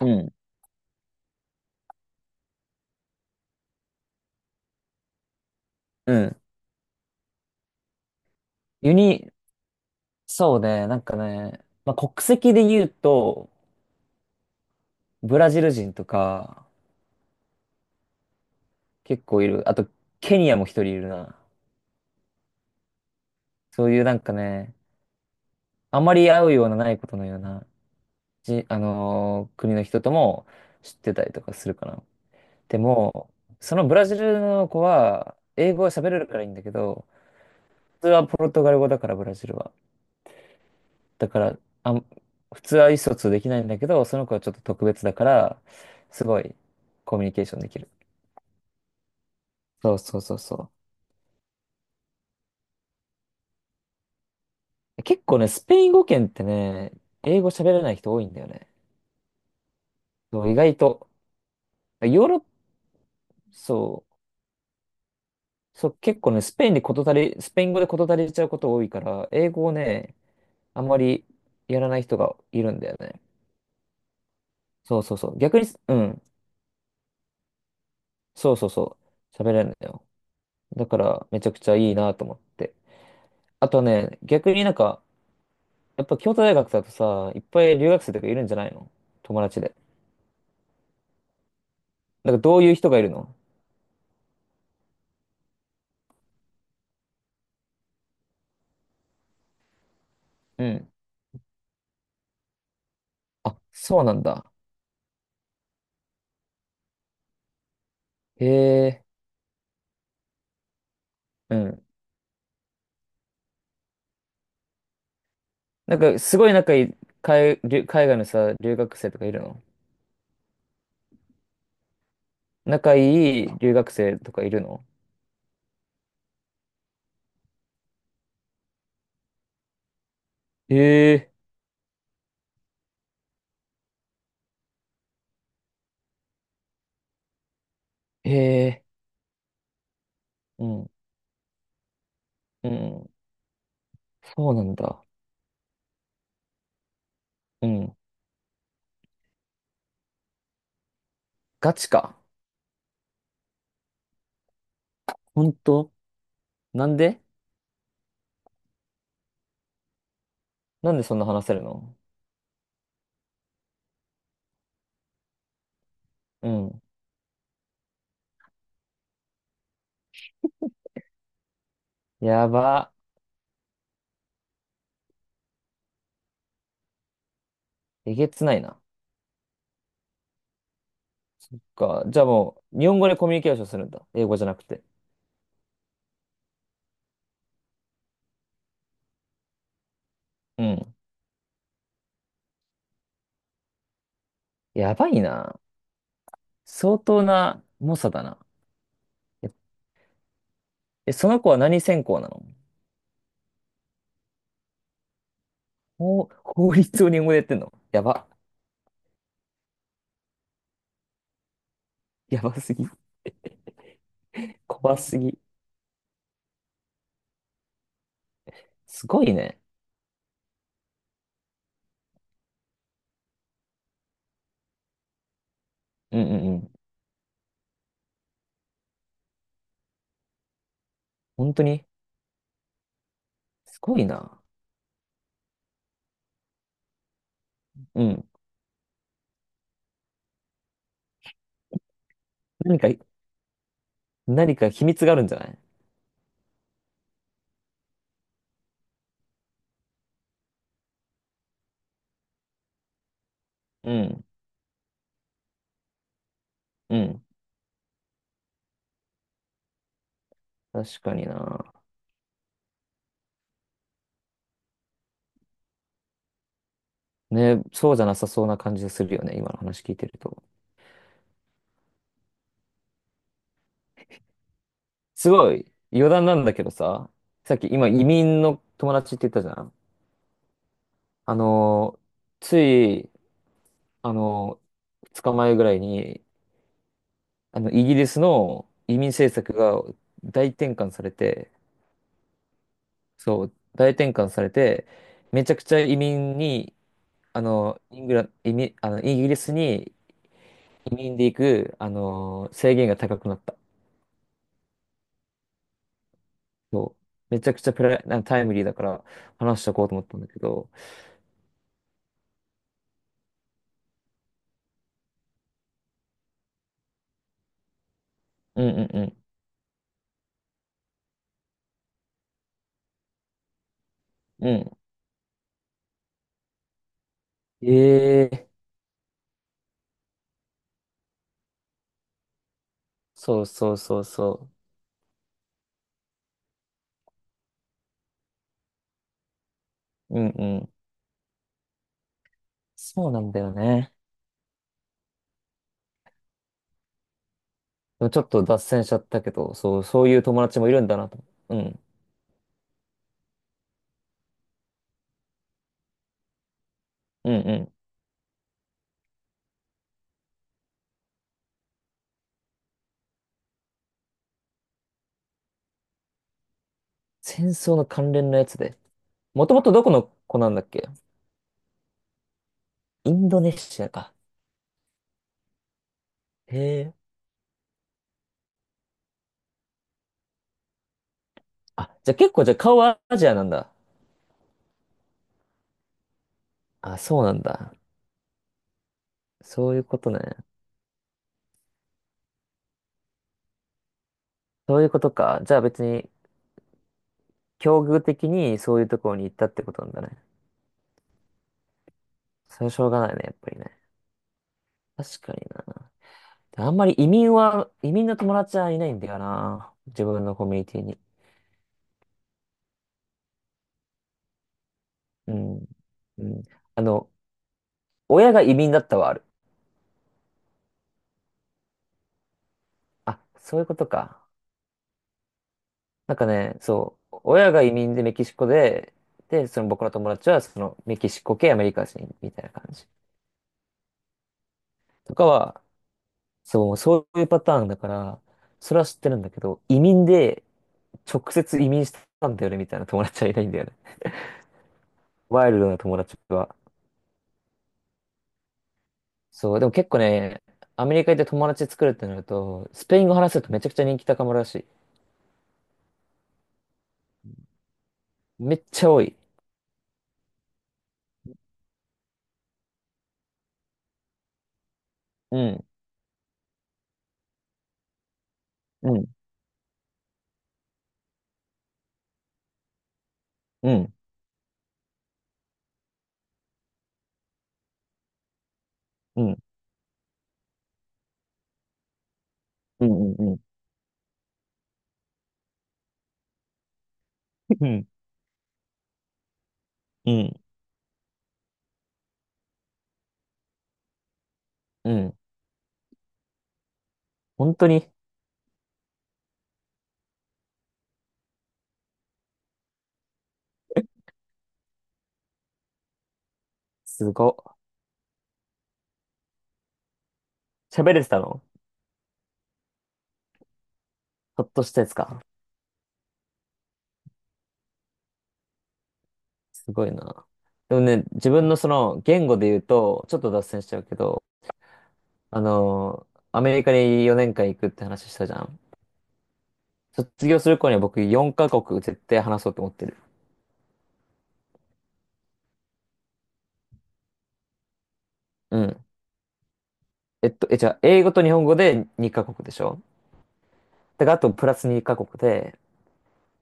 うん。うん。ユニ、そうね、なんかね、まあ、国籍で言うと、ブラジル人とか、結構いる。あと、ケニアも一人いるな。そういうなんかね、あまり会うようなないことのような、じ、あのー国の人とも知ってたりとかするかな。でも、そのブラジルの子は、英語は喋れるからいいんだけど、普通はポルトガル語だから、ブラジルは。だから、普通は意思疎通できないんだけど、その子はちょっと特別だから、すごいコミュニケーションできる。そうそうそうそう。結構ね、スペイン語圏ってね、英語喋れない人多いんだよね。そう意外と。ヨーロッパ、そう、そう、結構ね、スペイン語で事足りちゃうこと多いから、英語をね、あんまりやらない人がいるんだよね。そうそうそう。逆に、うん、そうそうそう。喋れるんだよ。だから、めちゃくちゃいいなと思って。あとね、逆になんか、やっぱ京都大学だとさ、いっぱい留学生とかいるんじゃないの？友達で。なんかどういう人がいるの？うん。あ、そうなんだ。へえ。うん。なんかすごい仲いい海外のさ、留学生とかいるの？仲いい留学生とかいるの？へえ。へえ。うん。うん。そうなんだ。うん。ガチか。ほんと？なんでなんでそんな話せるの？うん。やば。えげつないな。か。じゃあもう、日本語でコミュニケーションするんだ。英語じゃなくて。うん。やばいな。相当な猛者だな。え、その子は何専攻なの？法律を日本語でやってんの？やば。やばすぎ。怖すぎ。すごいね。うんうんうん。本当に。すごいな。うん。何か、何か秘密があるんじゃない？うん。うん。確かにな。ね、そうじゃなさそうな感じするよね。今の話聞いてると。すごい。余談なんだけどさ。さっき今移民の友達って言ったじゃん。あのーついあの、2日前ぐらいに、イギリスの移民政策が大転換されて、そう、大転換されて、めちゃくちゃ移民に、あの、イングラ、移民、あの、イギリスに移民で行く、制限が高くなった。そう。めちゃくちゃプライ、なタイムリーだから話しとこうと思ったんだけど、うんうんうん。うん。ええそうそうそうそう。うんうん。そうなんだよね。でもちょっと脱線しちゃったけど、そう、そういう友達もいるんだなと。うん。うんうん。戦争の関連のやつで。もともとどこの子なんだっけ？インドネシアか。へえ。あ、じゃあ顔はアジアなんだ。あ、そうなんだ。そういうことね。そういうことか。じゃあ別に、境遇的にそういうところに行ったってことなんだね。それはしょうがないね、やっぱりね。確かにな。あんまり移民の友達はいないんだよな。自分のコミュニティに。うん。うん。あの、親が移民だったはある。あ、そういうことか。なんかね、そう、親が移民でメキシコで、その僕の友達はそのメキシコ系アメリカ人みたいな感じ。とかは、そう、そういうパターンだから、それは知ってるんだけど、移民で直接移民したんだよねみたいな友達はいないんだよね。ワイルドな友達は。そう、でも結構ね、アメリカ行って友達作るってなると、スペイン語話せるとめちゃくちゃ人気高まるらしい。めっちゃ多い。うん、うん、うん、うん、うん、うん、うん、うん、うん。うんうん。本当に、すごっ。喋れてたの？ちょっとしたやつか。すごいな。でもね、自分のその言語で言うと、ちょっと脱線しちゃうけど、アメリカに4年間行くって話したじゃん。卒業する頃には僕4カ国絶対話そうと思ってる。うん。じゃあ、英語と日本語で2カ国でしょ？だからあとプラス2カ国で、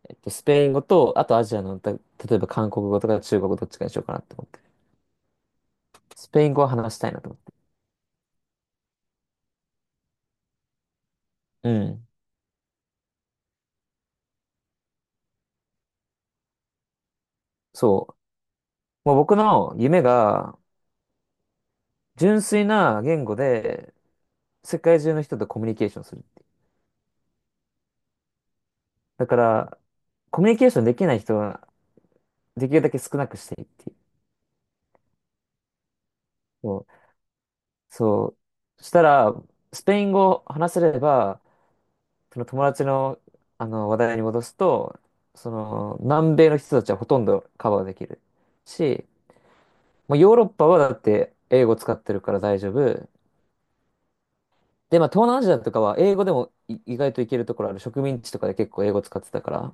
スペイン語と、あとアジアの、例えば韓国語とか中国語どっちかにしようかなって思ってる。スペイン語は話したいなと思ってる。うん。そう。もう僕の夢が、純粋な言語で、世界中の人とコミュニケーションするっていう。だから、コミュニケーションできない人は、できるだけ少なくしていいっていう。そう。そうしたら、スペイン語を話せれば、その友達の、あの話題に戻すと、その、南米の人たちはほとんどカバーできるし、まあ、ヨーロッパはだって英語使ってるから大丈夫。で、まあ、東南アジアとかは英語でも意外といけるところある。植民地とかで結構英語使ってたから。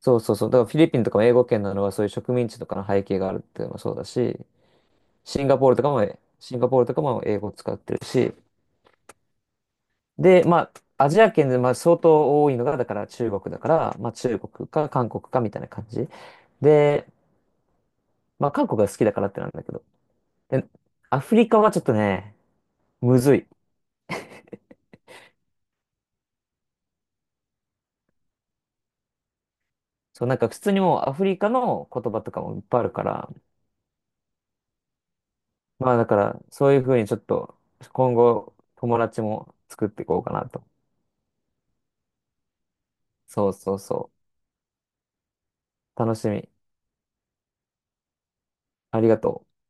そうそうそう。だからフィリピンとかも英語圏なのはそういう植民地とかの背景があるっていうのもそうだし、シンガポールとかも英語を使ってるし、で、まあ、アジア圏でまあ相当多いのが、だから中国だから、まあ中国か韓国かみたいな感じ。で、まあ韓国が好きだからってなんだけど。で、アフリカはちょっとね、むずい。そう、なんか普通にもうアフリカの言葉とかもいっぱいあるから、まあだからそういうふうにちょっと今後友達も作っていこうかなと。そうそうそう。楽しみ。ありがとう。